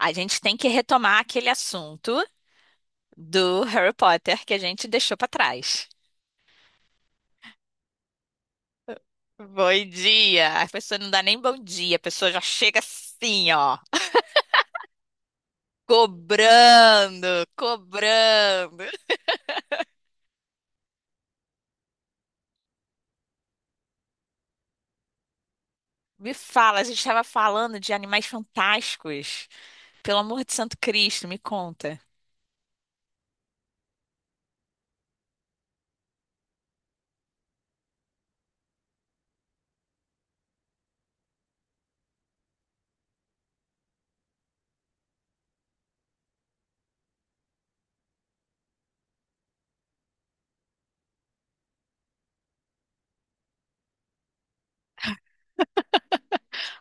A gente tem que retomar aquele assunto do Harry Potter que a gente deixou pra trás. Bom dia! A pessoa não dá nem bom dia, a pessoa já chega assim, ó, cobrando, cobrando. Me fala, a gente estava falando de Animais Fantásticos. Pelo amor de Santo Cristo, me conta.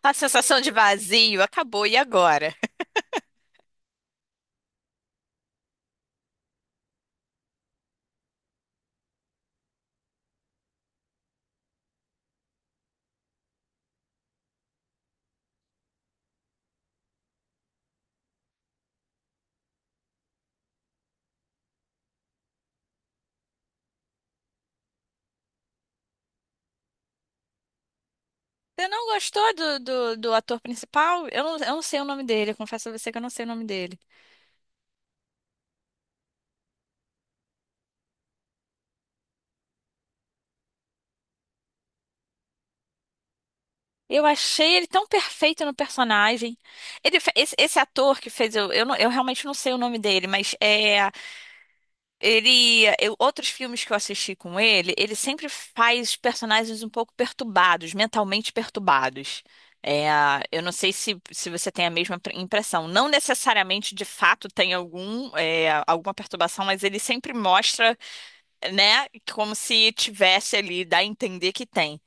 A sensação de vazio acabou, e agora? Você não gostou do ator principal? Eu não sei o nome dele, eu confesso a você que eu não sei o nome dele. Eu achei ele tão perfeito no personagem. Esse ator que fez, eu realmente não sei o nome dele, mas é, outros filmes que eu assisti com ele, ele sempre faz personagens um pouco perturbados, mentalmente perturbados. É, eu não sei se você tem a mesma impressão. Não necessariamente, de fato, tem alguma perturbação, mas ele sempre mostra, né, como se tivesse ali, dá a entender que tem.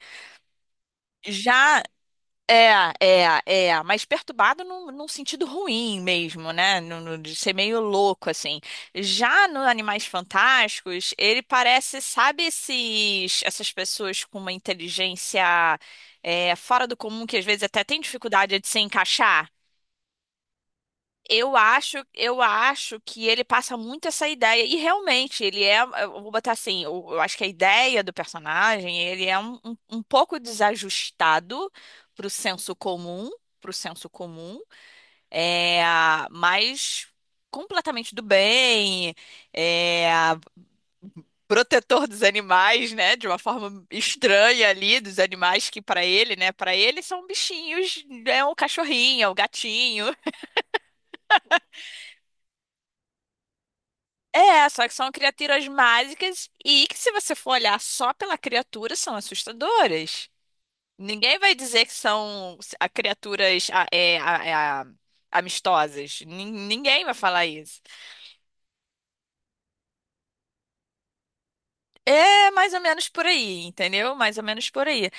Já é, mas perturbado num sentido ruim mesmo, né? De ser meio louco, assim. Já no Animais Fantásticos, ele parece, sabe, essas pessoas com uma inteligência, fora do comum, que às vezes até tem dificuldade de se encaixar? Eu acho que ele passa muito essa ideia, e realmente ele é, eu vou botar assim, eu acho que a ideia do personagem, ele é um pouco desajustado pro senso comum, pro senso comum, é, mas completamente do bem, é, protetor dos animais, né, de uma forma estranha ali, dos animais que para ele, né, para ele são bichinhos, é um cachorrinho, é um gatinho. É, só que são criaturas mágicas e que, se você for olhar só pela criatura, são assustadoras. Ninguém vai dizer que são criaturas amistosas. Ninguém vai falar isso. É mais ou menos por aí, entendeu? Mais ou menos por aí.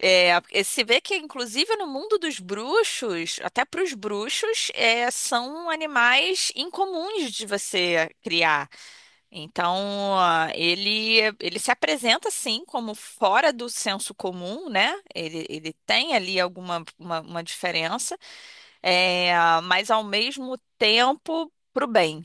É, e se vê que, inclusive, no mundo dos bruxos, até para os bruxos, são animais incomuns de você criar. Então, ele se apresenta assim como fora do senso comum, né? Ele tem ali alguma uma diferença, é, mas ao mesmo tempo pro bem.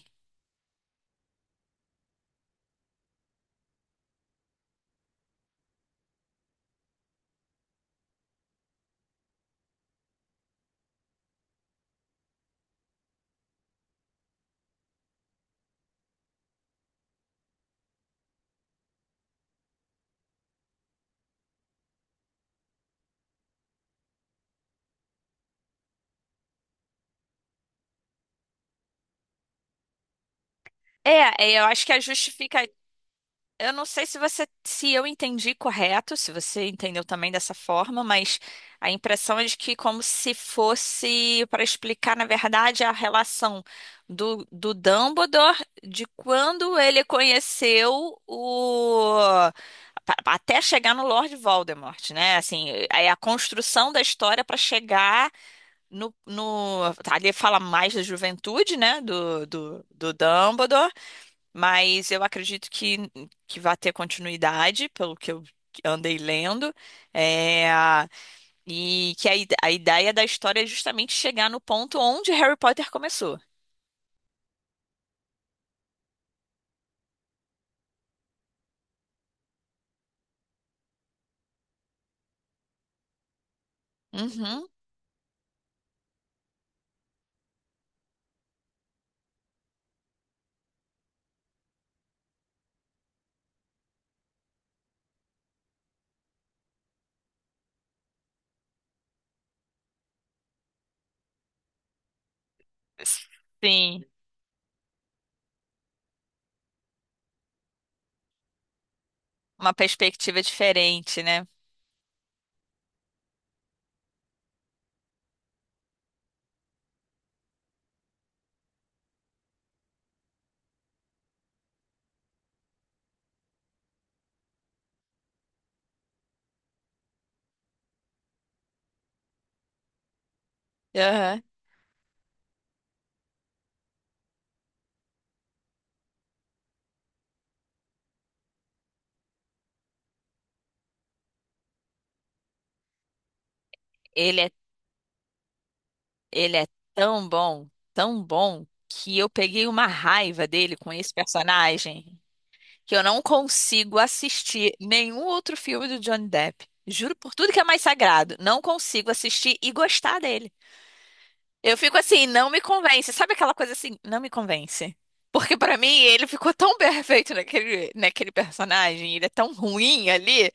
É, eu acho que a justifica. Eu não sei se eu entendi correto, se você entendeu também dessa forma, mas a impressão é de que como se fosse para explicar, na verdade, a relação do Dumbledore de quando ele conheceu até chegar no Lord Voldemort, né? Assim, é a construção da história para chegar no ali fala mais da juventude, né? Do Dumbledore. Mas eu acredito que vai ter continuidade, pelo que eu andei lendo. É, e que a ideia da história é justamente chegar no ponto onde Harry Potter começou. Uhum. Sim, uma perspectiva diferente, né? Aham. Ele é, ele é tão bom, tão bom, que eu peguei uma raiva dele com esse personagem, que eu não consigo assistir nenhum outro filme do Johnny Depp. Juro por tudo que é mais sagrado, não consigo assistir e gostar dele. Eu fico assim, não me convence. Sabe aquela coisa assim, não me convence. Porque pra mim ele ficou tão perfeito naquele personagem, ele é tão ruim ali,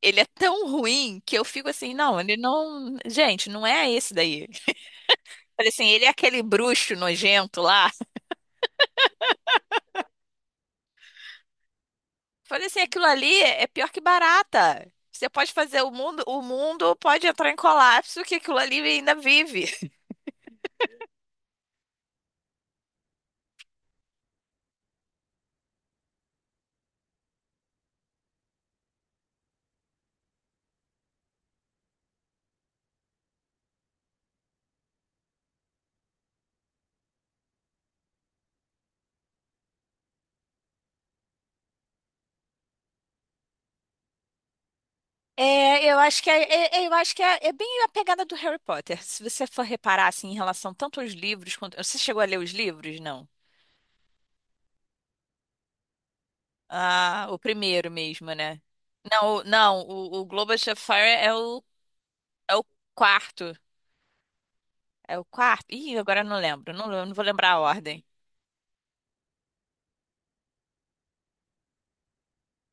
ele é tão ruim que eu fico assim, não, ele não, gente, não é esse daí. Falei assim, ele é aquele bruxo nojento lá. Falei assim, aquilo ali é pior que barata. Você pode fazer o mundo pode entrar em colapso que aquilo ali ainda vive. É, eu acho que é bem a pegada do Harry Potter. Se você for reparar assim em relação tanto aos livros, quanto você chegou a ler os livros? Não. Ah, o primeiro mesmo, né? Não, o Globo of Fire é o é o quarto. É o quarto. Ih, agora eu não lembro. Não, eu não vou lembrar a ordem.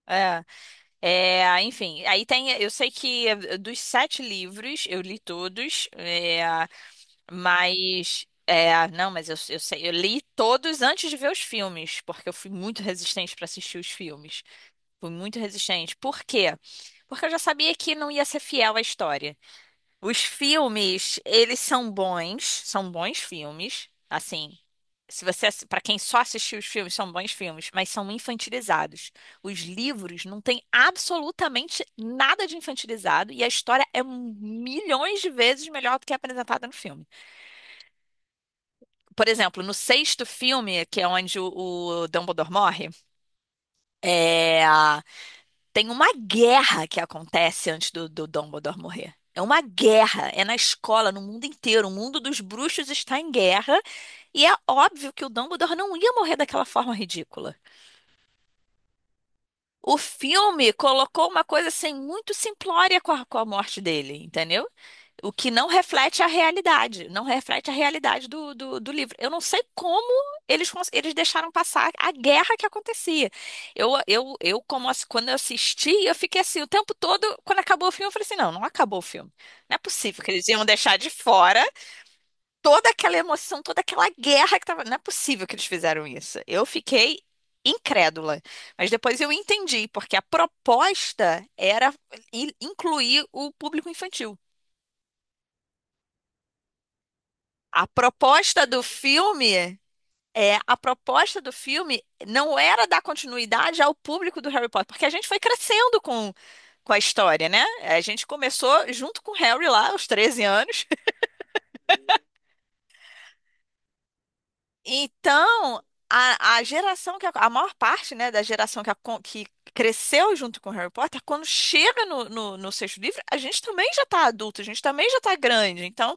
É. É, enfim, aí tem. Eu sei que dos 7 livros eu li todos, mas. É, não, mas eu sei, eu li todos antes de ver os filmes, porque eu fui muito resistente para assistir os filmes. Fui muito resistente. Por quê? Porque eu já sabia que não ia ser fiel à história. Os filmes, eles são bons filmes. Assim, se você, para quem só assistiu os filmes, são bons filmes, mas são infantilizados. Os livros não têm absolutamente nada de infantilizado e a história é milhões de vezes melhor do que é apresentada no filme. Por exemplo, no sexto filme, que é onde o Dumbledore morre, é, tem uma guerra que acontece antes do Dumbledore morrer. É uma guerra, é na escola, no mundo inteiro. O mundo dos bruxos está em guerra. E é óbvio que o Dumbledore não ia morrer daquela forma ridícula. O filme colocou uma coisa assim muito simplória com a morte dele, entendeu? O que não reflete a realidade, não reflete a realidade do livro. Eu não sei como eles deixaram passar a guerra que acontecia. Quando eu assisti, eu fiquei assim, o tempo todo, quando acabou o filme, eu falei assim, não, não acabou o filme. Não é possível que eles iam deixar de fora toda aquela emoção, toda aquela guerra que tava. Não é possível que eles fizeram isso. Eu fiquei incrédula. Mas depois eu entendi, porque a proposta era incluir o público infantil. A proposta do filme. É, a proposta do filme não era dar continuidade ao público do Harry Potter, porque a gente foi crescendo com a história, né? A gente começou junto com o Harry lá, aos 13 anos. Então, a geração que a maior parte, né, da geração que cresceu junto com Harry Potter, quando chega no sexto livro, a gente também já tá adulto, a gente também já tá grande. Então,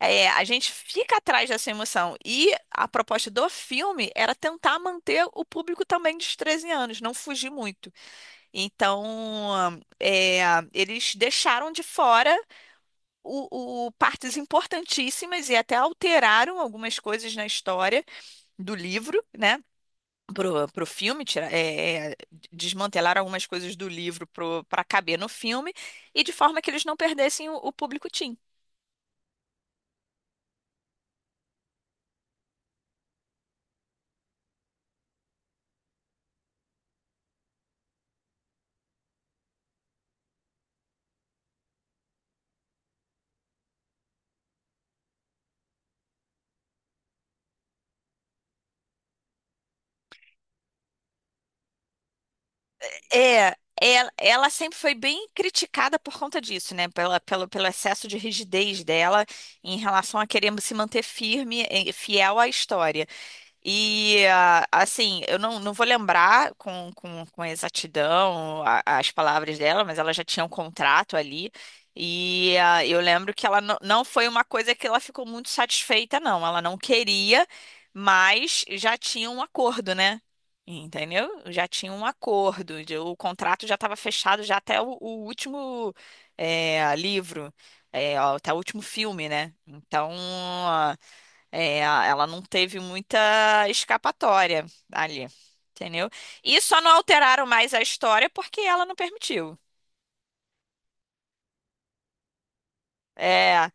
a gente fica atrás dessa emoção. E a proposta do filme era tentar manter o público também dos 13 anos, não fugir muito. Então, eles deixaram de fora partes importantíssimas e até alteraram algumas coisas na história do livro, né? Pro filme, desmantelar algumas coisas do livro para caber no filme, e de forma que eles não perdessem o público teen. É, ela sempre foi bem criticada por conta disso, né? Pelo excesso de rigidez dela em relação a querer se manter firme e fiel à história. E assim, eu não, não vou lembrar com exatidão as palavras dela, mas ela já tinha um contrato ali. E eu lembro que ela não foi uma coisa que ela ficou muito satisfeita, não. Ela não queria, mas já tinha um acordo, né? Entendeu? Já tinha um acordo. O contrato já estava fechado já até o último, livro, até o último filme, né? Então. É, ela não teve muita escapatória ali, entendeu? E só não alteraram mais a história porque ela não permitiu. É,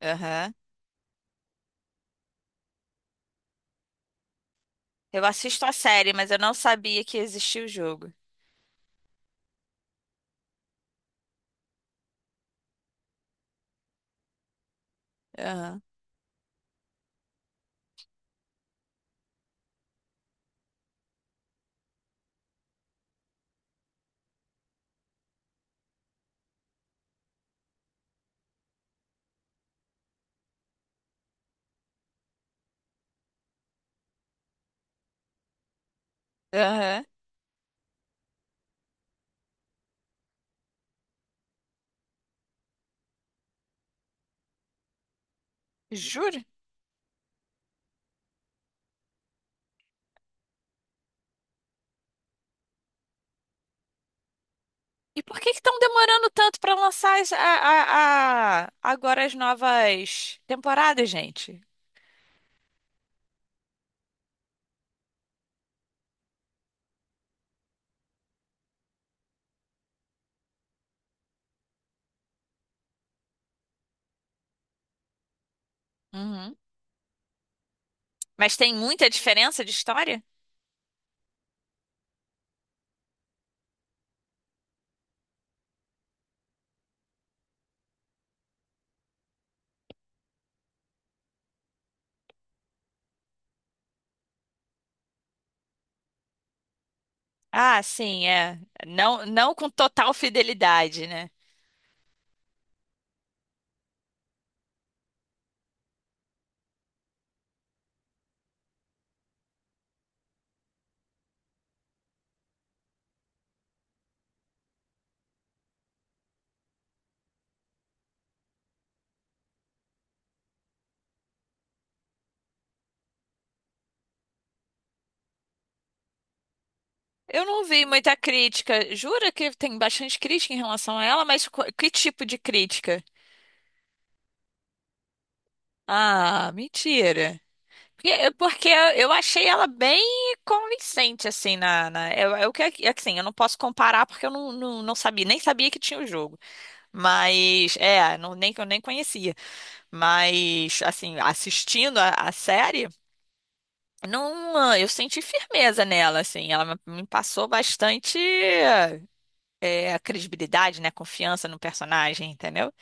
aham. Eu assisto a série, mas eu não sabia que existia o jogo. Aham, aham. Juro? E por que que estão demorando tanto para lançar agora as novas temporadas, gente? Uhum. Mas tem muita diferença de história? Ah, sim, é. Não, não com total fidelidade, né? Eu não vi muita crítica. Jura que tem bastante crítica em relação a ela, mas que tipo de crítica? Ah, mentira. Porque eu achei ela bem convincente, assim, na, na, é, é o que, é que, assim, eu não posso comparar porque eu não sabia, nem sabia que tinha o jogo. Mas, não, nem que eu nem conhecia. Mas, assim, assistindo a série, não, eu senti firmeza nela, assim, ela me passou bastante a credibilidade, né? A Confiança no personagem, entendeu?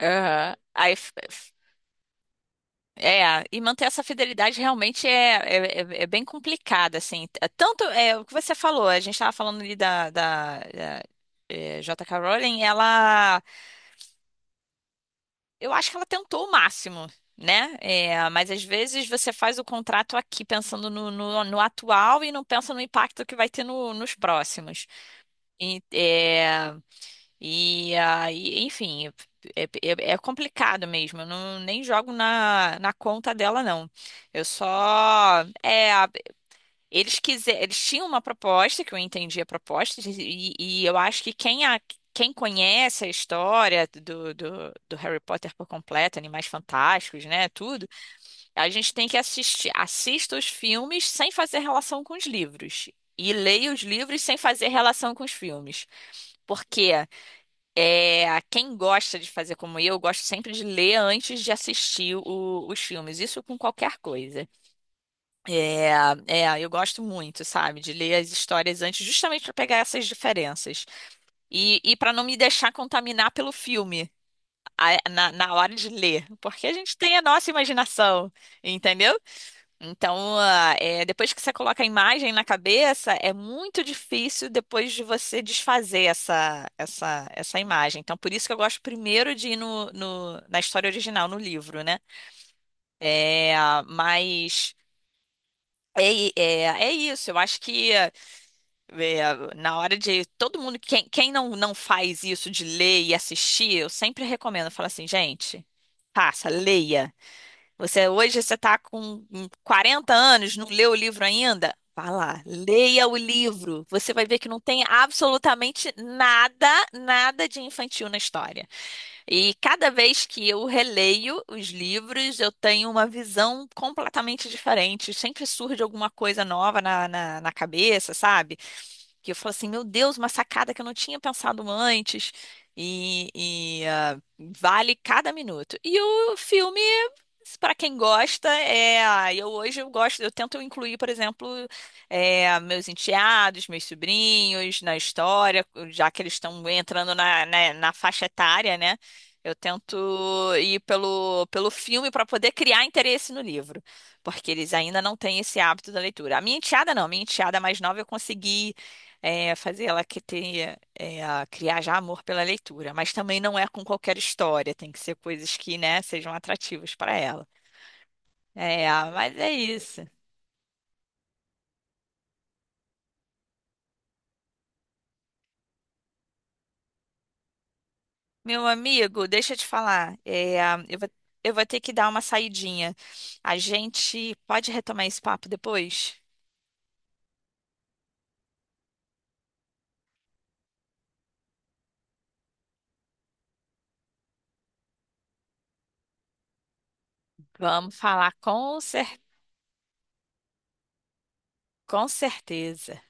Aham. Aí, e manter essa fidelidade realmente é, é bem complicada, assim. Tanto é o que você falou, a gente estava falando ali da J.K. Rowling, eu acho que ela tentou o máximo, né? É, mas às vezes você faz o contrato aqui pensando no atual e não pensa no impacto que vai ter nos próximos. E, é, E aí, enfim, é complicado mesmo. Eu não, nem jogo na conta dela, não. Eu só. Eles tinham uma proposta, que eu entendi a proposta, e eu acho que quem conhece a história do Harry Potter por completo, Animais Fantásticos, né, tudo, a gente tem que assista os filmes sem fazer relação com os livros. E leia os livros sem fazer relação com os filmes. Por quê? É, quem gosta de fazer como eu gosto sempre de ler antes de assistir os filmes. Isso com qualquer coisa. É, é, eu gosto muito, sabe, de ler as histórias antes, justamente para pegar essas diferenças e para não me deixar contaminar pelo filme na hora de ler, porque a gente tem a nossa imaginação, entendeu? Então, depois que você coloca a imagem na cabeça, é muito difícil depois de você desfazer essa imagem. Então, por isso que eu gosto primeiro de ir na história original, no livro, né? É, mas é isso. Eu acho que, na hora de todo mundo, quem não faz isso de ler e assistir, eu sempre recomendo, eu falo assim, gente, passa, leia. Você hoje você está com 40 anos, não leu o livro ainda? Vá lá, leia o livro. Você vai ver que não tem absolutamente nada, nada de infantil na história. E cada vez que eu releio os livros, eu tenho uma visão completamente diferente. Sempre surge alguma coisa nova na cabeça, sabe? Que eu falo assim, meu Deus, uma sacada que eu não tinha pensado antes. E, e, vale cada minuto. E o filme, para quem gosta, é. Eu hoje eu gosto, eu tento incluir, por exemplo, meus enteados, meus sobrinhos na história, já que eles estão entrando na faixa etária, né? Eu tento ir pelo filme para poder criar interesse no livro, porque eles ainda não têm esse hábito da leitura. A minha enteada não. A minha enteada mais nova eu consegui fazer ela que tenha, a criar já amor pela leitura, mas também não é com qualquer história, tem que ser coisas que, né, sejam atrativas para ela. É, mas é isso. Meu amigo, deixa eu te falar, eu vou, eu vou, ter que dar uma saidinha. A gente pode retomar esse papo depois? Vamos falar com com certeza.